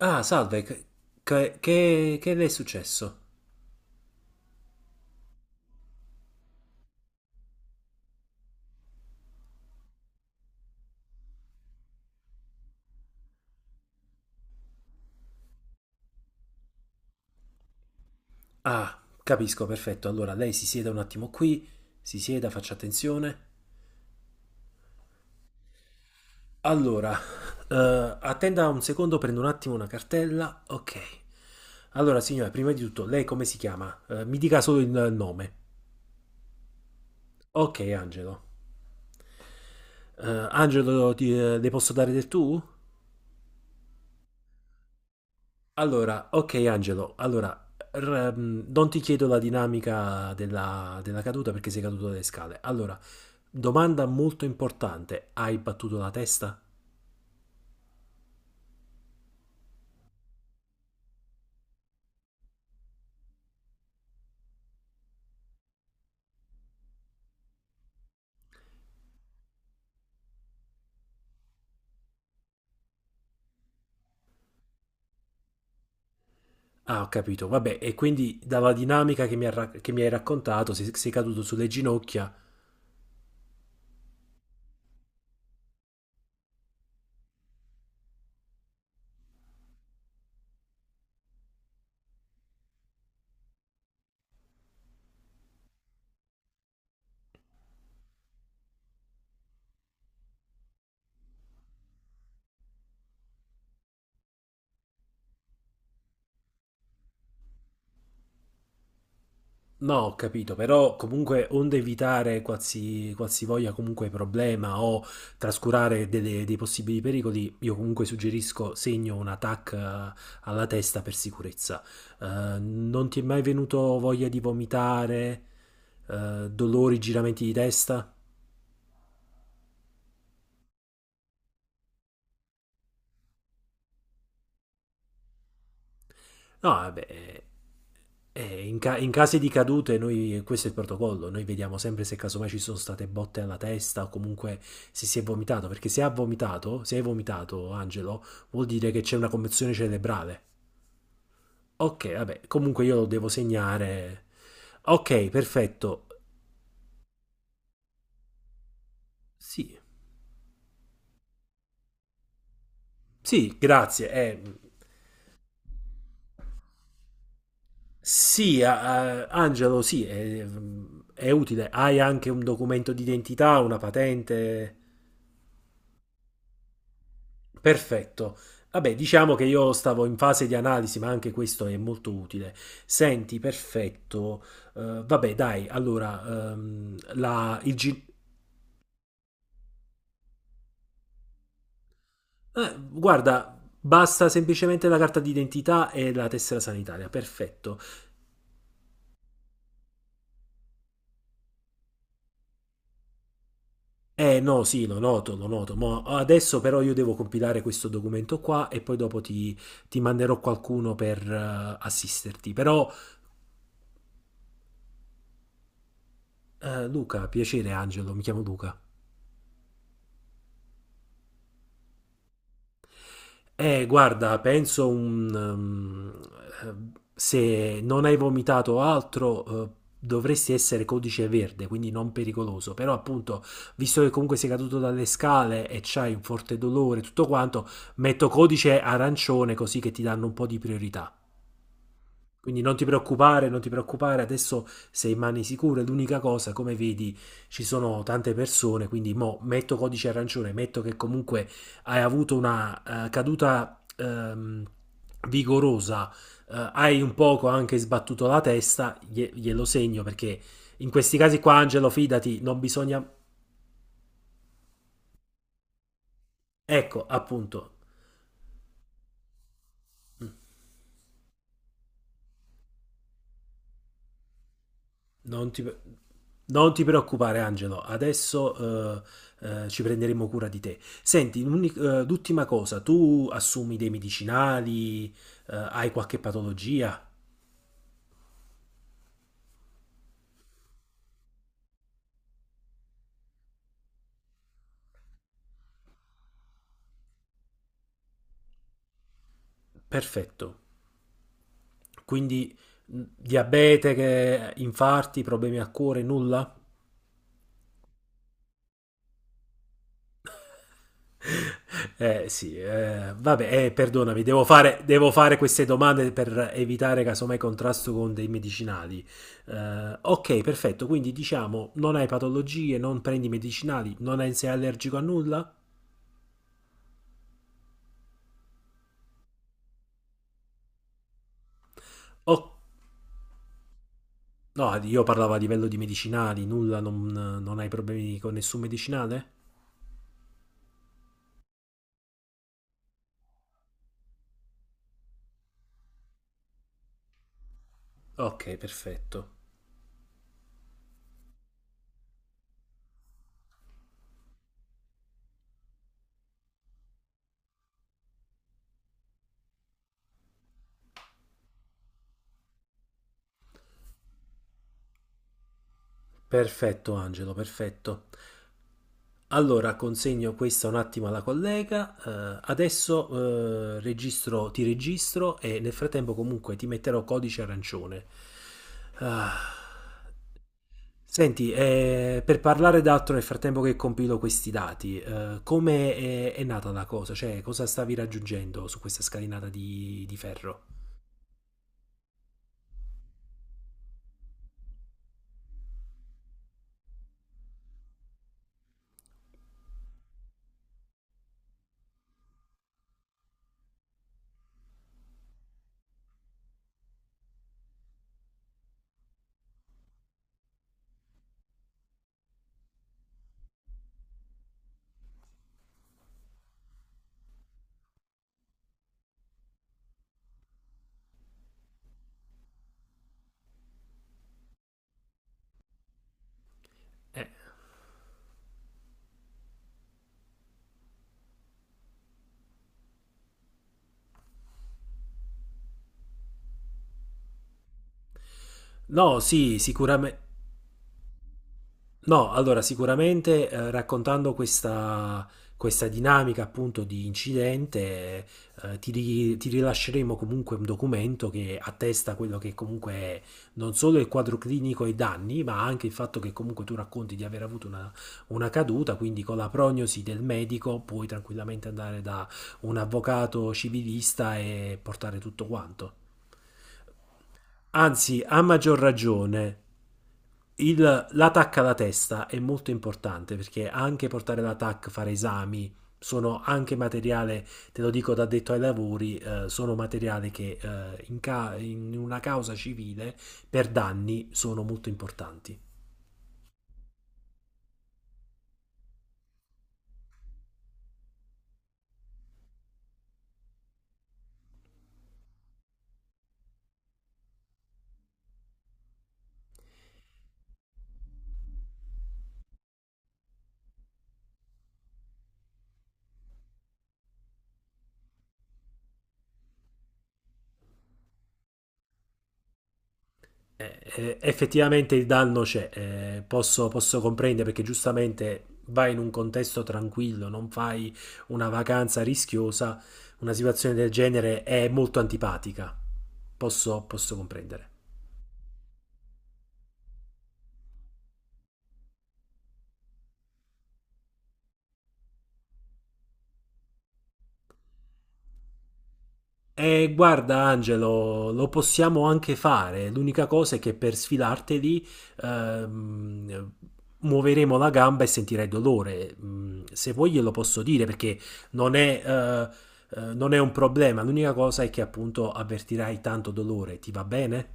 Ah, salve, che, che le è successo? Ah, capisco, perfetto. Allora, lei si sieda un attimo qui, si sieda, faccia attenzione. Allora, attenda un secondo, prendo un attimo una cartella. Ok. Allora, signora, prima di tutto, lei come si chiama? Mi dica solo il nome. Ok, Angelo. Angelo, le posso dare del tu? Allora, ok Angelo, allora non ti chiedo la dinamica della, della caduta perché sei caduto dalle scale. Allora, domanda molto importante, hai battuto la testa? Ah, ho capito, vabbè, e quindi dalla dinamica che mi, che mi hai raccontato, sei, sei caduto sulle ginocchia. No, ho capito, però comunque onde evitare qualsi, qualsivoglia comunque problema o trascurare dei possibili pericoli, io comunque suggerisco segno una TAC, alla testa per sicurezza. Non ti è mai venuto voglia di vomitare, dolori, giramenti di testa? No, vabbè, in, in casi di cadute, noi, questo è il protocollo, noi vediamo sempre se casomai ci sono state botte alla testa o comunque se si è vomitato, perché se ha vomitato, se hai vomitato, Angelo, vuol dire che c'è una commozione cerebrale. Ok, vabbè, comunque io lo devo segnare. Ok, perfetto. Sì, sì, grazie. Sì, Angelo, sì, è utile. Hai anche un documento d'identità, una patente? Perfetto. Vabbè, diciamo che io stavo in fase di analisi, ma anche questo è molto utile. Senti, perfetto. Vabbè, dai, allora, la, il G... guarda, basta semplicemente la carta d'identità e la tessera sanitaria. Perfetto. Eh no, sì, lo noto, lo noto. Mo adesso però io devo compilare questo documento qua e poi dopo ti, ti manderò qualcuno per assisterti. Però, Luca, piacere, Angelo, mi chiamo Luca. Guarda, penso un... eh, se non hai vomitato altro, dovresti essere codice verde, quindi non pericoloso. Però appunto, visto che comunque sei caduto dalle scale e c'hai un forte dolore, tutto quanto, metto codice arancione così che ti danno un po' di priorità. Quindi non ti preoccupare, non ti preoccupare, adesso sei in mani sicure. L'unica cosa, come vedi, ci sono tante persone, quindi mo metto codice arancione, metto che comunque hai avuto una caduta vigorosa, hai un poco anche sbattuto la testa, glielo segno perché in questi casi qua, Angelo, fidati, non bisogna... Ecco, appunto, Non ti, pre- non ti preoccupare, Angelo, adesso ci prenderemo cura di te. Senti, l'ultima cosa, tu assumi dei medicinali, hai qualche patologia? Perfetto. Quindi diabete, infarti, problemi al cuore, nulla? Eh sì, vabbè, perdonami, devo fare queste domande per evitare casomai contrasto con dei medicinali. Ok, perfetto, quindi diciamo non hai patologie, non prendi medicinali, non hai- sei allergico a nulla? O- no, io parlavo a livello di medicinali, nulla, non, non hai problemi con nessun medicinale? Ok, perfetto. Perfetto, Angelo, perfetto. Allora, consegno questa un attimo alla collega. Adesso registro, ti registro e nel frattempo comunque ti metterò codice arancione. Ah. Senti, per parlare d'altro nel frattempo che compilo questi dati, come è nata la cosa? Cioè, cosa stavi raggiungendo su questa scalinata di ferro? Eh, No, sì, sicuramente. No, allora sicuramente raccontando questa, questa dinamica appunto di incidente, ti, ti rilasceremo comunque un documento che attesta quello che comunque è non solo il quadro clinico e i danni, ma anche il fatto che comunque tu racconti di aver avuto una caduta, quindi con la prognosi del medico puoi tranquillamente andare da un avvocato civilista e portare tutto quanto. Anzi, a maggior ragione, l'attacco alla testa è molto importante perché anche portare l'attacco, fare esami, sono anche materiale, te lo dico da detto ai lavori, sono materiale che in in una causa civile per danni sono molto importanti. Effettivamente il danno c'è, posso, posso comprendere perché giustamente vai in un contesto tranquillo, non fai una vacanza rischiosa, una situazione del genere è molto antipatica, posso, posso comprendere. E guarda Angelo, lo possiamo anche fare. L'unica cosa è che per sfilarteli ehm, muoveremo la gamba e sentirai dolore. Mm, se vuoi glielo posso dire perché non è, non è un problema. L'unica cosa è che appunto avvertirai tanto dolore. Ti va bene?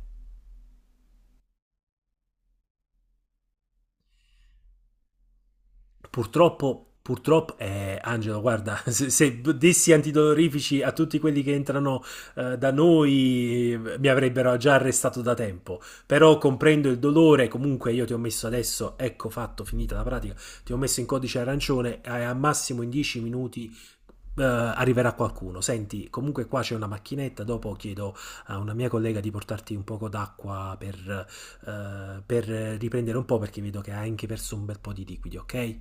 Purtroppo, purtroppo, Angelo, guarda, se, se dessi antidolorifici a tutti quelli che entrano da noi, mi avrebbero già arrestato da tempo. Però comprendo il dolore, comunque io ti ho messo adesso, ecco fatto, finita la pratica, ti ho messo in codice arancione e a massimo in 10 minuti arriverà qualcuno. Senti, comunque qua c'è una macchinetta, dopo chiedo a una mia collega di portarti un poco d'acqua per riprendere un po' perché vedo che hai anche perso un bel po' di liquidi, ok?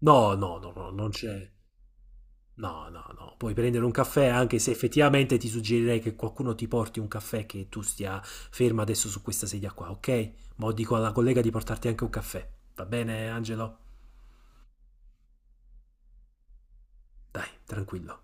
No, no, no, no, non c'è. No, no, no. Puoi prendere un caffè anche se effettivamente ti suggerirei che qualcuno ti porti un caffè che tu stia ferma adesso su questa sedia qua, ok? Ma dico alla collega di portarti anche un caffè. Va bene, Angelo? Dai, tranquillo.